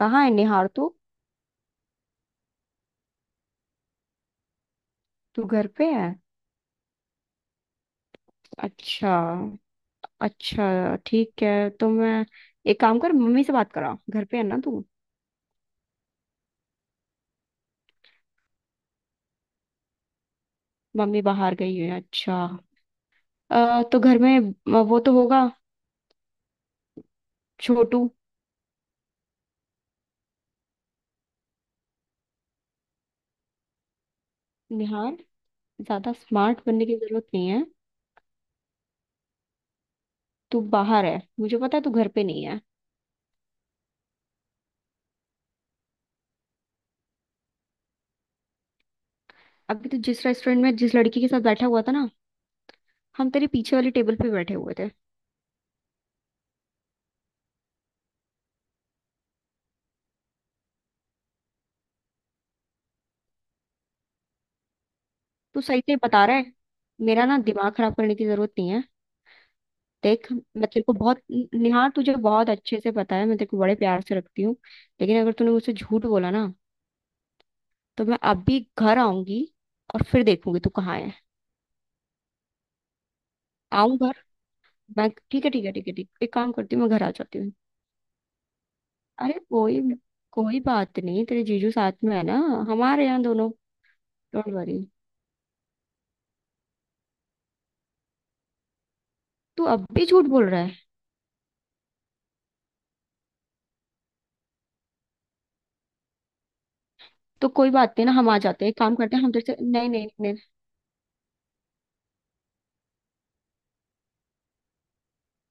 कहाँ है निहार तू। तू घर पे है? अच्छा। अच्छा ठीक है, तो मैं एक काम कर, मम्मी से बात करा। घर पे है ना तू? मम्मी बाहर गई है, अच्छा। तो घर में वो तो होगा, छोटू। निहार, ज्यादा स्मार्ट बनने की जरूरत नहीं है। तू बाहर है, मुझे पता है तू घर पे नहीं है। अभी तू जिस रेस्टोरेंट में जिस लड़की के साथ बैठा हुआ था ना, हम तेरे पीछे वाली टेबल पे बैठे हुए थे। तू सही से बता रहा है? मेरा ना दिमाग खराब करने की जरूरत नहीं है। देख मैं तेरे को बहुत, निहार तुझे बहुत अच्छे से पता है मैं तेरे को बड़े प्यार से रखती हूँ। लेकिन अगर तूने मुझसे झूठ बोला ना, तो मैं अभी घर आऊंगी और फिर देखूंगी तू कहाँ है। आऊं घर? मैं ठीक है ठीक है ठीक है ठीक, एक काम करती हूँ मैं घर आ जाती हूँ। अरे कोई, कोई बात नहीं, तेरे जीजू साथ में है ना। हमारे यहाँ दोनों। Don't worry. तू अब भी झूठ बोल रहा है। तो कोई बात नहीं ना, हम आ जाते हैं, एक काम करते हैं, हम तेरे से नहीं नहीं नहीं नहीं।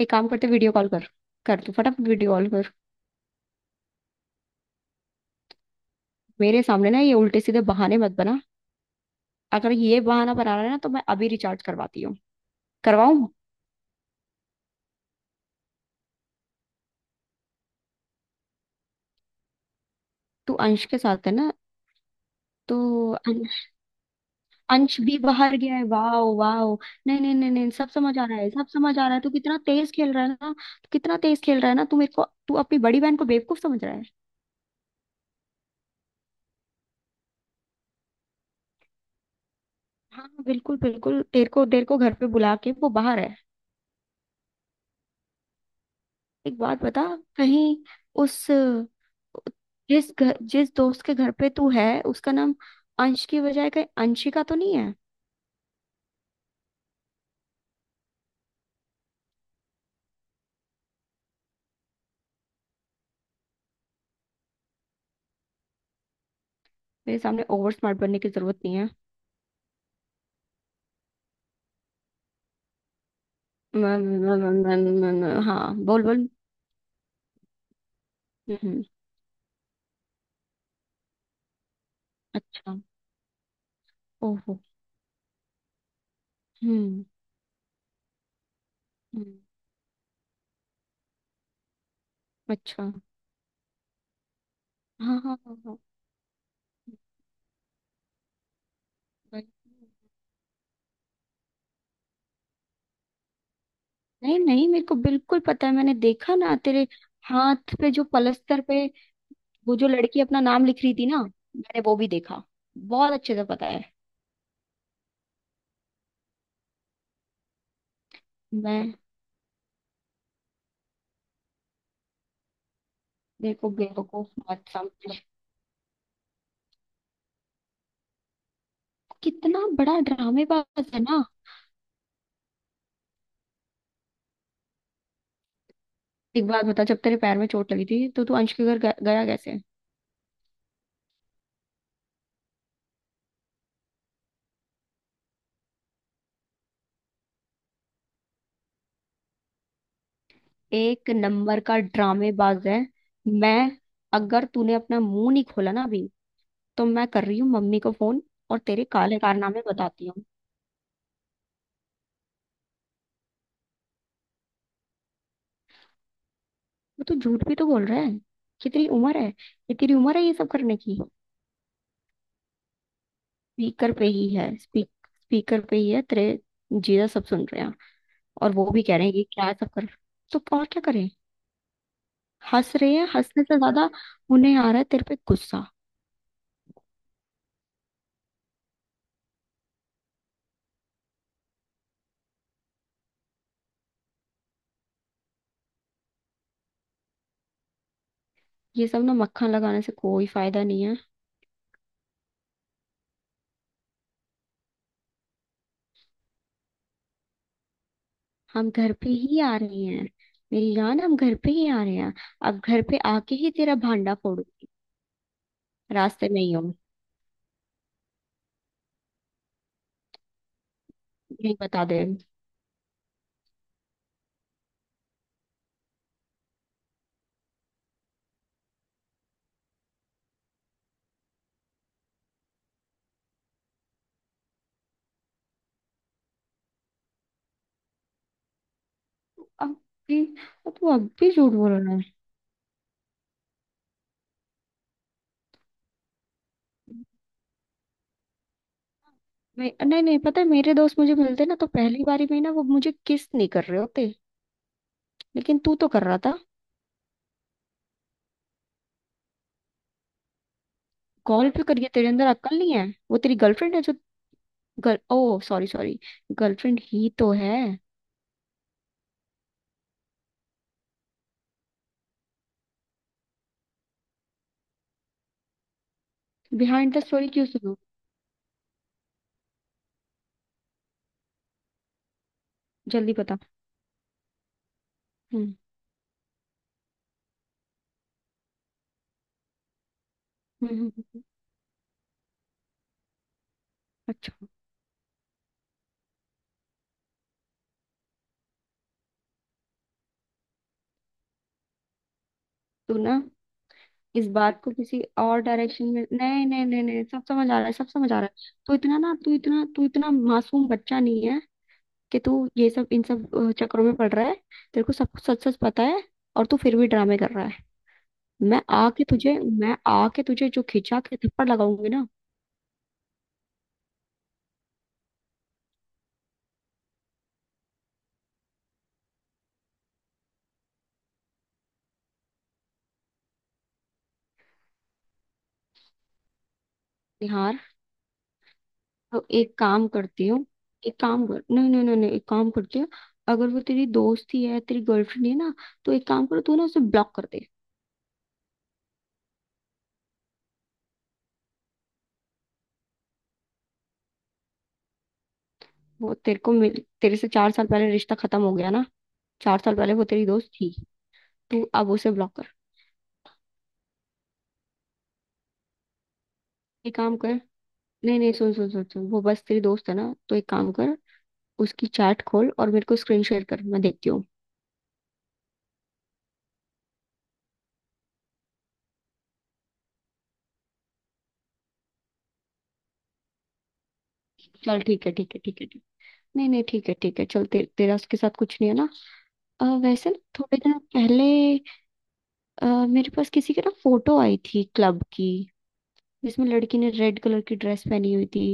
एक काम करते हैं, वीडियो कॉल कर। कर तू फटाफट वीडियो कॉल कर। मेरे सामने ना ये उल्टे सीधे बहाने मत बना। अगर ये बहाना बना रहा है ना, तो मैं अभी रिचार्ज करवाती हूँ। करवाऊं? तू अंश के साथ है ना? तो अंश, अंश भी बाहर गया है? वाह। वाह। नहीं नहीं नहीं नहीं, सब समझ आ रहा है, सब समझ आ रहा है। तू कितना तेज खेल रहा है ना। तू कितना तेज खेल रहा है ना, तू मेरे को, तू अपनी बड़ी बहन को बेवकूफ समझ रहा है। हाँ बिल्कुल बिल्कुल, तेरे को, तेरे को घर पे बुला के वो बाहर है। एक बात बता, कहीं उस, जिस घर, जिस दोस्त के घर पे तू है उसका नाम अंश की बजाय कहीं अंशिका तो नहीं है? मेरे सामने ओवर स्मार्ट बनने की जरूरत नहीं है। न, न, न, न, न, न, न, हाँ बोल बोल। हम्म। अच्छा। ओहो। हम्म। हम्म, अच्छा। हाँ हाँ हाँ हाँ। वही। नहीं नहीं, मेरे को बिल्कुल पता है, मैंने देखा ना तेरे हाथ पे जो पलस्तर पे, वो जो लड़की अपना नाम लिख रही थी ना, मैंने वो भी देखा। बहुत अच्छे से पता है। मैं, मेरे को बेवकूफ मत समझ। कितना बड़ा ड्रामेबाज है ना। एक बात बता, जब तेरे पैर में चोट लगी थी, तो तू अंश के घर गया कैसे? एक नंबर का ड्रामेबाज है। मैं, अगर तूने अपना मुंह नहीं खोला ना अभी, तो मैं कर रही हूँ मम्मी को फोन। और तेरे काले कारनामे बताती हूँ। वो तो झूठ भी तो बोल रहा है। कितनी उम्र है, ये तेरी उम्र है ये सब करने की? स्पीकर पे ही है, स्पीकर पे ही है, तेरे जीजा सब सुन रहे हैं। और वो भी कह रहे हैं कि क्या सब कर, तो और क्या करें। हंस रहे हैं, हंसने से ज्यादा उन्हें आ रहा है तेरे पे गुस्सा। ये सब ना मक्खन लगाने से कोई फायदा नहीं है। हम घर पे ही आ रहे हैं। मेरी जान, हम घर पे ही आ रहे हैं। अब घर पे आके ही तेरा भांडा फोड़ू। रास्ते में ही हो, यही बता दे। अब भी अब तू अब भी झूठ बोल रहा है। मैं, नहीं नहीं पता है, मेरे दोस्त मुझे मिलते ना, तो पहली बारी में ना वो मुझे किस नहीं कर रहे होते। लेकिन तू तो कर रहा था। कॉल पे करिए, तेरे अंदर अक्ल नहीं है। वो तेरी गर्लफ्रेंड है जो, गर्ल, ओ सॉरी सॉरी, गर्लफ्रेंड ही तो है। बिहाइंड द स्टोरी क्यों सुनू? जल्दी बता। हम्म। हम्म। अच्छा। तू ना इस बात को किसी और डायरेक्शन में, नहीं नहीं नहीं नहीं, सब समझ आ रहा है, सब समझ आ रहा है। तू इतना ना, तू इतना, तू इतना मासूम बच्चा नहीं है कि तू ये सब, इन सब चक्करों में पड़ रहा है। तेरे को सब कुछ सच सच पता है, और तू फिर भी ड्रामे कर रहा है। मैं आके तुझे, मैं आके तुझे जो खिंचा के थप्पड़ लगाऊंगी ना। निहार, तो एक काम करती हूँ, एक काम कर, नहीं नहीं नहीं नहीं, एक काम करती हूँ। अगर वो तेरी दोस्त ही है, तेरी गर्लफ्रेंड है ना, तो एक काम करो, तू ना उसे ब्लॉक कर दे। वो तेरे को मिल, तेरे से चार साल पहले रिश्ता खत्म हो गया ना। 4 साल पहले वो तेरी दोस्त थी। तू अब उसे ब्लॉक कर। एक काम कर, नहीं नहीं, सुन सुन सुन सुन, वो बस तेरी दोस्त है ना, तो एक काम कर, उसकी चैट खोल और मेरे को स्क्रीन शेयर कर, मैं देखती हूँ। चल ठीक है ठीक है ठीक है ठीक, नहीं नहीं ठीक है ठीक है, चल तेरा उसके साथ कुछ नहीं है ना। वैसे ना थोड़े दिन पहले मेरे पास किसी की ना फोटो आई थी, क्लब की, जिसमें लड़की ने रेड कलर की ड्रेस पहनी हुई थी।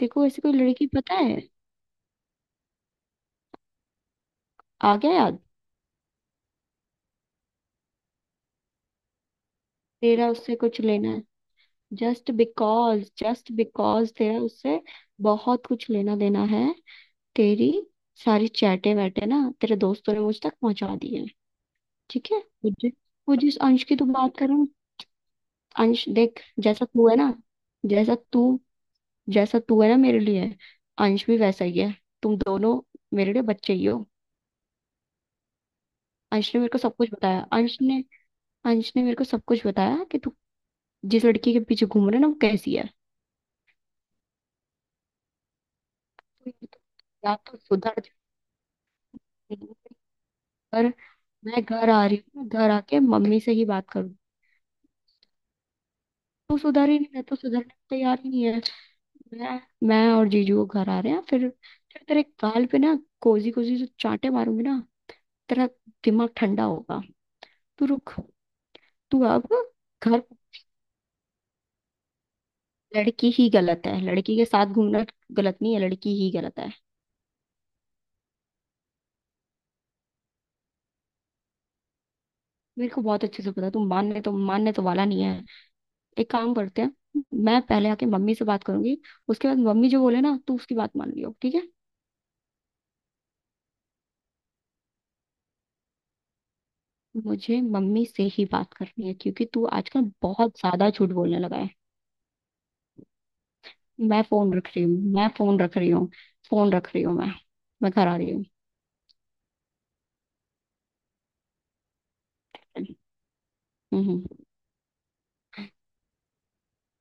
देखो, ऐसी कोई लड़की पता है? आ गया याद? तेरा उससे कुछ लेना है। जस्ट बिकॉज, जस्ट बिकॉज तेरा उससे बहुत कुछ लेना देना है। तेरी सारी चैटे वैटे ना तेरे दोस्तों ने मुझ तक पहुंचा दी है। ठीक है। वो वो जिस अंश की तू बात कर रहा है, अंश देख, जैसा तू है ना, जैसा तू जैसा तू है ना मेरे लिए, अंश भी वैसा ही है। तुम दोनों मेरे लिए बच्चे ही हो। अंश ने मेरे को सब कुछ बताया, अंश ने मेरे को सब कुछ बताया कि तू जिस लड़की के पीछे घूम रहे ना, वो कैसी है। तो या तो सुधर जा, मैं घर आ रही हूँ, घर आके मम्मी से ही बात करूँ। तू सुधर ही नहीं, मैं तो सुधरने को तैयार ही नहीं है। मैं मैं और जीजू वो घर आ रहे हैं, फिर तेरे गाल पे ना कोजी कोजी जो चांटे मारूंगी ना, तेरा दिमाग ठंडा होगा। तू रुक। तू अब घर, लड़की ही गलत है, लड़की के साथ घूमना गलत नहीं है, लड़की ही गलत है। मेरे को बहुत अच्छे से पता है, तू मानने तो वाला नहीं है। एक काम करते हैं, मैं पहले आके मम्मी से बात करूंगी, उसके बाद मम्मी जो बोले ना, तू उसकी बात मान लियो ठीक है। मुझे मम्मी से ही बात करनी है, क्योंकि तू आजकल बहुत ज्यादा झूठ बोलने लगा है। मैं फोन रख रही हूँ, मैं फोन रख रही हूँ, फोन रख रही हूँ मैं। मैं घर आ रही हूँ। हम्म। हम्म।